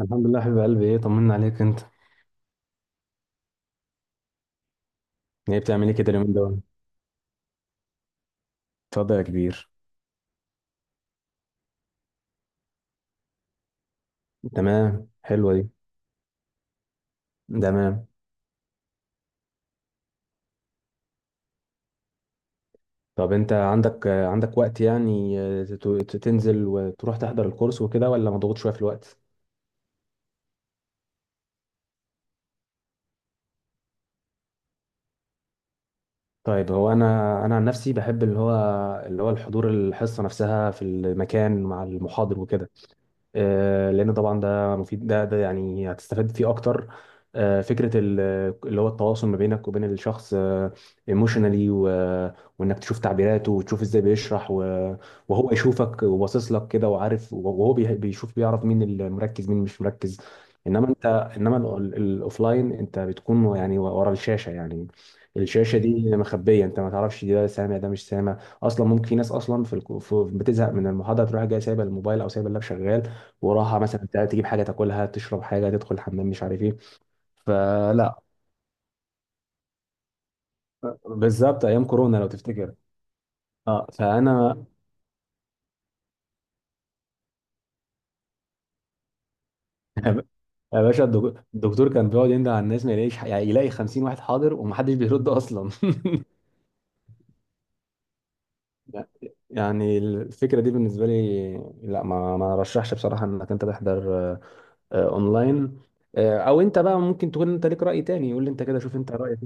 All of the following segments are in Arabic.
الحمد لله حبيب قلبي، ايه طمنا عليك انت؟ ايه بتعمل ايه كده اليومين دول؟ اتفضل يا كبير. تمام، حلوه دي. تمام، طب انت عندك عندك وقت يعني تنزل وتروح تحضر الكورس وكده، ولا مضغوط شويه في الوقت؟ طيب هو انا عن نفسي بحب اللي هو اللي هو الحضور، الحصه نفسها في المكان مع المحاضر وكده. لان طبعا ده مفيد، ده يعني هتستفاد فيه اكتر. فكره اللي هو التواصل ما بينك وبين الشخص، ايموشنالي، وانك تشوف تعبيراته وتشوف ازاي بيشرح وهو يشوفك وباصص لك كده وعارف، وهو بيشوف بيعرف مين المركز مين مش مركز. انما انت انما ال- ال- الاوفلاين انت بتكون يعني ورا الشاشه يعني. الشاشه دي مخبيه، انت ما تعرفش ده سامع ده مش سامع، اصلا ممكن في ناس اصلا بتزهق من المحاضره، تروح جايه سايبه الموبايل او سايبه اللاب شغال وراها، مثلا تجيب حاجه تاكلها، تشرب حاجه، تدخل الحمام، مش عارف ايه. فلا. بالظبط ايام كورونا لو تفتكر. اه فانا. يا باشا، الدكتور كان بيقعد يندى على الناس ما يلاقيش، يعني يلاقي 50 واحد حاضر ومحدش بيرد اصلا. يعني الفكره دي بالنسبه لي، لا، ما رشحش بصراحه انك انت تحضر اونلاين. او انت بقى ممكن تكون انت ليك راي تاني، يقول لي انت كده، شوف انت رايك.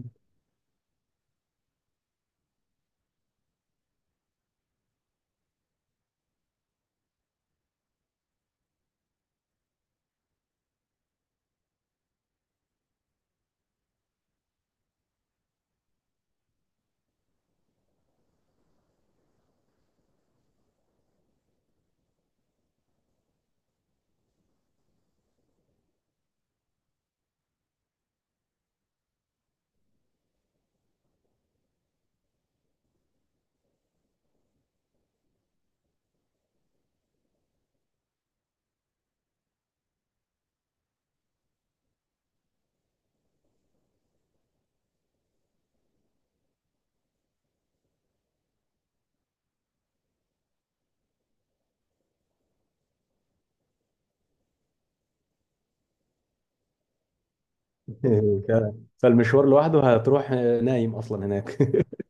إيه. فعلاً. فالمشوار لوحده هتروح نايم اصلا هناك.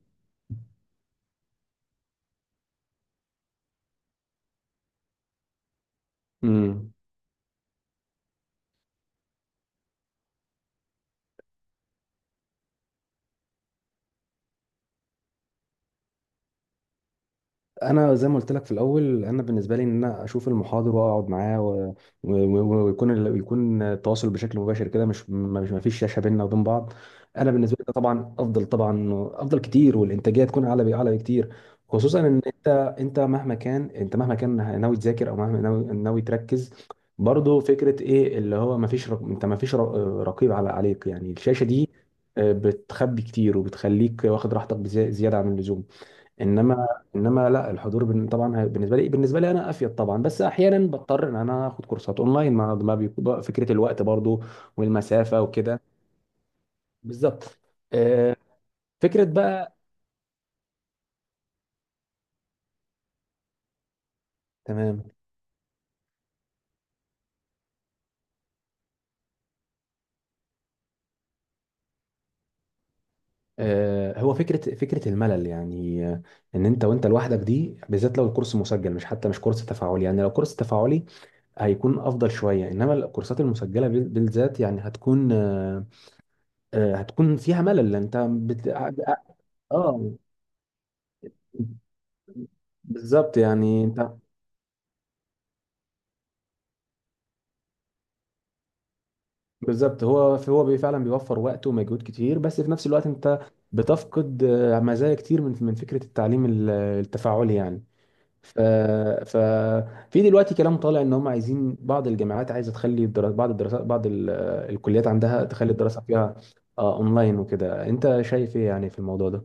امم. انا زي ما قلت لك في الاول، انا بالنسبه لي ان انا اشوف المحاضر واقعد معاه و- ويكون يكون التواصل بشكل مباشر كده، مش ما فيش شاشه بيننا وبين بعض. انا بالنسبه لي ده طبعا افضل، طبعا افضل كتير، والانتاجيه تكون اعلى، اعلى بكتير. خصوصا ان انت مهما كان، انت مهما كان ناوي تذاكر او مهما ناوي تركز، برضه فكره ايه اللي هو ما فيش رق... انت ما فيش رق- رقيب على عليك، يعني الشاشه دي بتخبي كتير وبتخليك واخد راحتك زياده عن اللزوم. انما انما لا، الحضور بالنسبه لي، بالنسبه لي انا افيد طبعا، بس احيانا بضطر ان انا اخد كورسات اونلاين، ما بيكون فكره الوقت برضو والمسافه وكده. بالظبط. آه، فكره بقى. تمام. هو فكره الملل يعني، ان انت وانت لوحدك، دي بالذات لو الكورس مسجل، مش حتى مش كورس تفاعلي، يعني لو كورس تفاعلي هيكون افضل شويه، انما الكورسات المسجله بالذات يعني هتكون هتكون فيها ملل، انت بت... اه بالظبط يعني انت. بالظبط، فعلا بيوفر وقت ومجهود كتير، بس في نفس الوقت انت بتفقد مزايا كتير من فكره التعليم التفاعلي يعني. ف ف في دلوقتي كلام طالع ان هم عايزين، بعض الجامعات عايزه تخلي بعض الدراسات، بعض الكليات عندها تخلي الدراسه فيها اونلاين وكده. انت شايف ايه يعني في الموضوع ده؟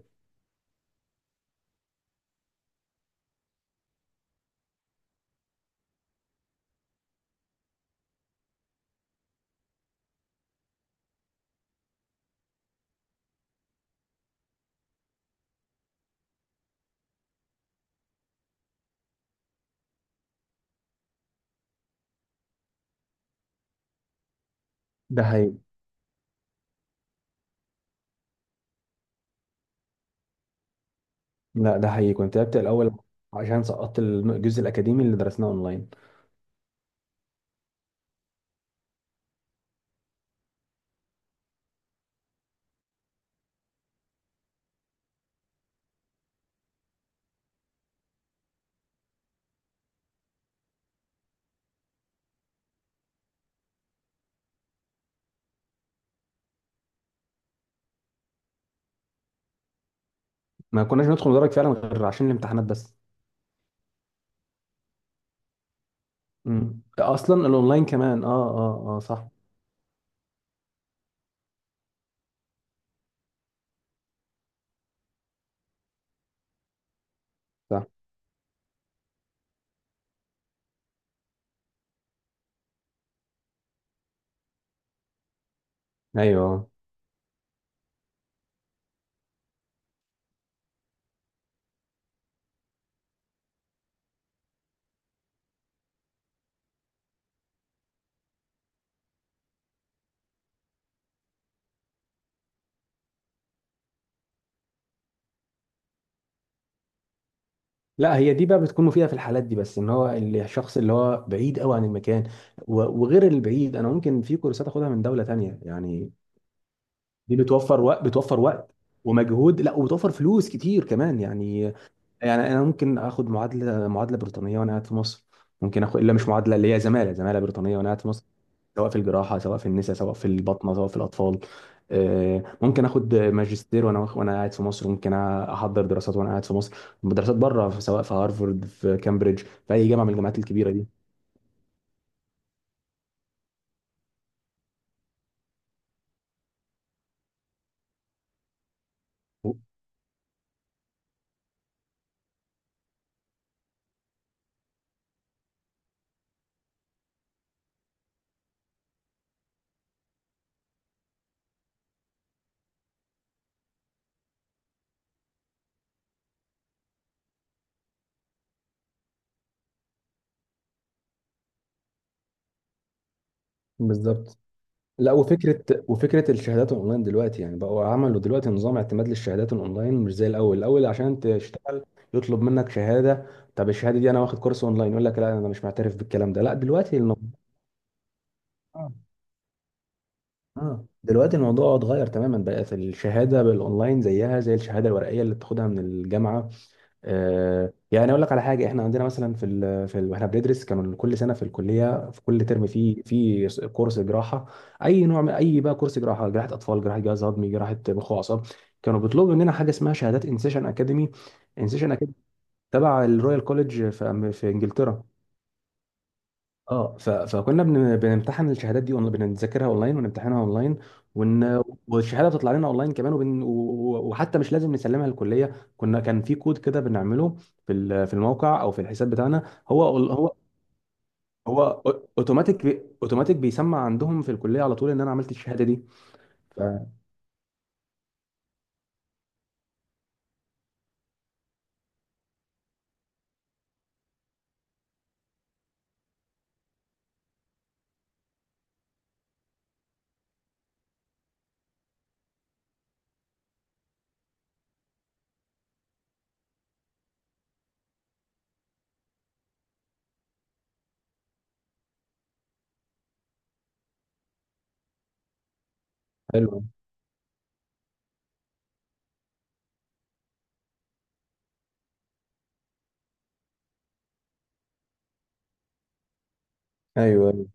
ده حقيقي. لا ده حقيقي، كنت ابدا الاول، عشان سقطت الجزء الاكاديمي اللي درسناه اونلاين. ما كناش ندخل ندرج فعلا غير عشان الامتحانات بس. مم. ده اصلا الاونلاين كمان اه اه اه. صح. صح. ايوه. لا هي دي بقى بتكون مفيده في الحالات دي، بس ان هو الشخص اللي هو بعيد قوي عن المكان، وغير البعيد، انا ممكن في كورسات اخدها من دوله تانية يعني. دي بتوفر وقت، بتوفر وقت ومجهود، لا وبتوفر فلوس كتير كمان يعني. يعني انا ممكن اخد معادله، معادله بريطانيه وانا قاعد في مصر، ممكن اخد الا مش معادله، اللي هي زماله، زماله بريطانيه وانا قاعد في مصر، سواء في الجراحه سواء في النساء سواء في البطنه سواء في الاطفال. ممكن اخد ماجستير وانا قاعد في مصر، ممكن احضر دراسات وانا قاعد في مصر، دراسات بره سواء في هارفارد في كامبريدج، في اي جامعه من الجامعات الكبيره دي. بالظبط. لا، وفكره الشهادات الاونلاين دلوقتي، يعني بقوا عملوا دلوقتي نظام اعتماد للشهادات الاونلاين، مش زي الاول. الاول عشان تشتغل يطلب منك شهاده، طب الشهاده دي انا واخد كورس اونلاين، يقول لك لا انا مش معترف بالكلام ده. لا دلوقتي الموضوع، اه دلوقتي الموضوع اتغير تماما، بقت الشهاده بالاونلاين زيها زي الشهاده الورقيه اللي بتاخدها من الجامعه. آه يعني اقول لك على حاجه، احنا عندنا مثلا في ال في ال واحنا بندرس، كانوا كل سنه في الكليه في كل ترم في كورس جراحه، اي نوع من اي بقى، كورس جراحه، جراحه اطفال، جراحه جهاز هضمي، جراحه مخ واعصاب. كانوا بيطلبوا مننا حاجه اسمها شهادات انسيشن اكاديمي. انسيشن اكاديمي تبع الرويال كوليج في في انجلترا. اه ف... فكنا بن... بنمتحن الشهادات دي اونلاين، بنذاكرها اونلاين، ونمتحنها اونلاين، ون... والشهاده بتطلع لنا اونلاين كمان، وبن... و... وحتى مش لازم نسلمها للكليه، كنا كان في كود كده بنعمله في ال... في الموقع او في الحساب بتاعنا، هو اوتوماتيك بي... اوتوماتيك بيسمع عندهم في الكليه على طول ان انا عملت الشهاده دي ف... حلو. ايوه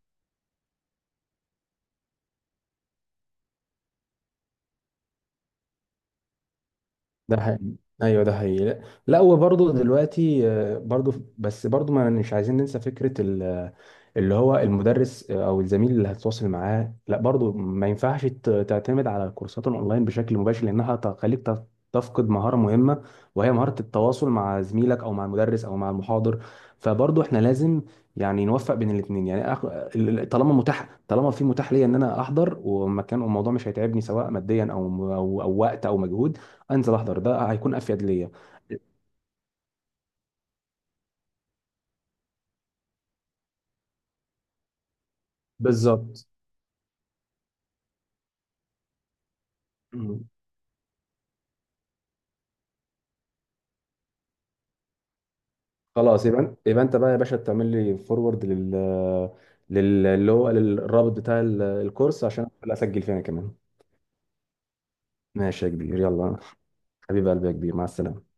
ده حقيقي، ايوه ده حقيقي. لا، لا، وبرضه دلوقتي برضه، بس برضه ما مش عايزين ننسى فكره اللي هو المدرس، او الزميل اللي هتتواصل معاه. لا برضه ما ينفعش تعتمد على الكورسات الاونلاين بشكل مباشر، لانها تخليك تفقد مهاره مهمه، وهي مهاره التواصل مع زميلك او مع المدرس او مع المحاضر. فبرضه احنا لازم يعني نوفق بين الاثنين، يعني طالما متاح، طالما في متاح ليا ان انا احضر ومكان الموضوع مش هيتعبني، سواء ماديا او او وقت او مجهود، انزل احضر، ده هيكون افيد ليا. بالظبط. مم. خلاص، يبقى انت بقى يا باشا تعمل لي فورورد لل لل- اللي هو للرابط بتاع الكورس، عشان أدخل اسجل فيه انا كمان. ماشي يا كبير، يلا. حبيب قلبي يا كبير، مع السلامه.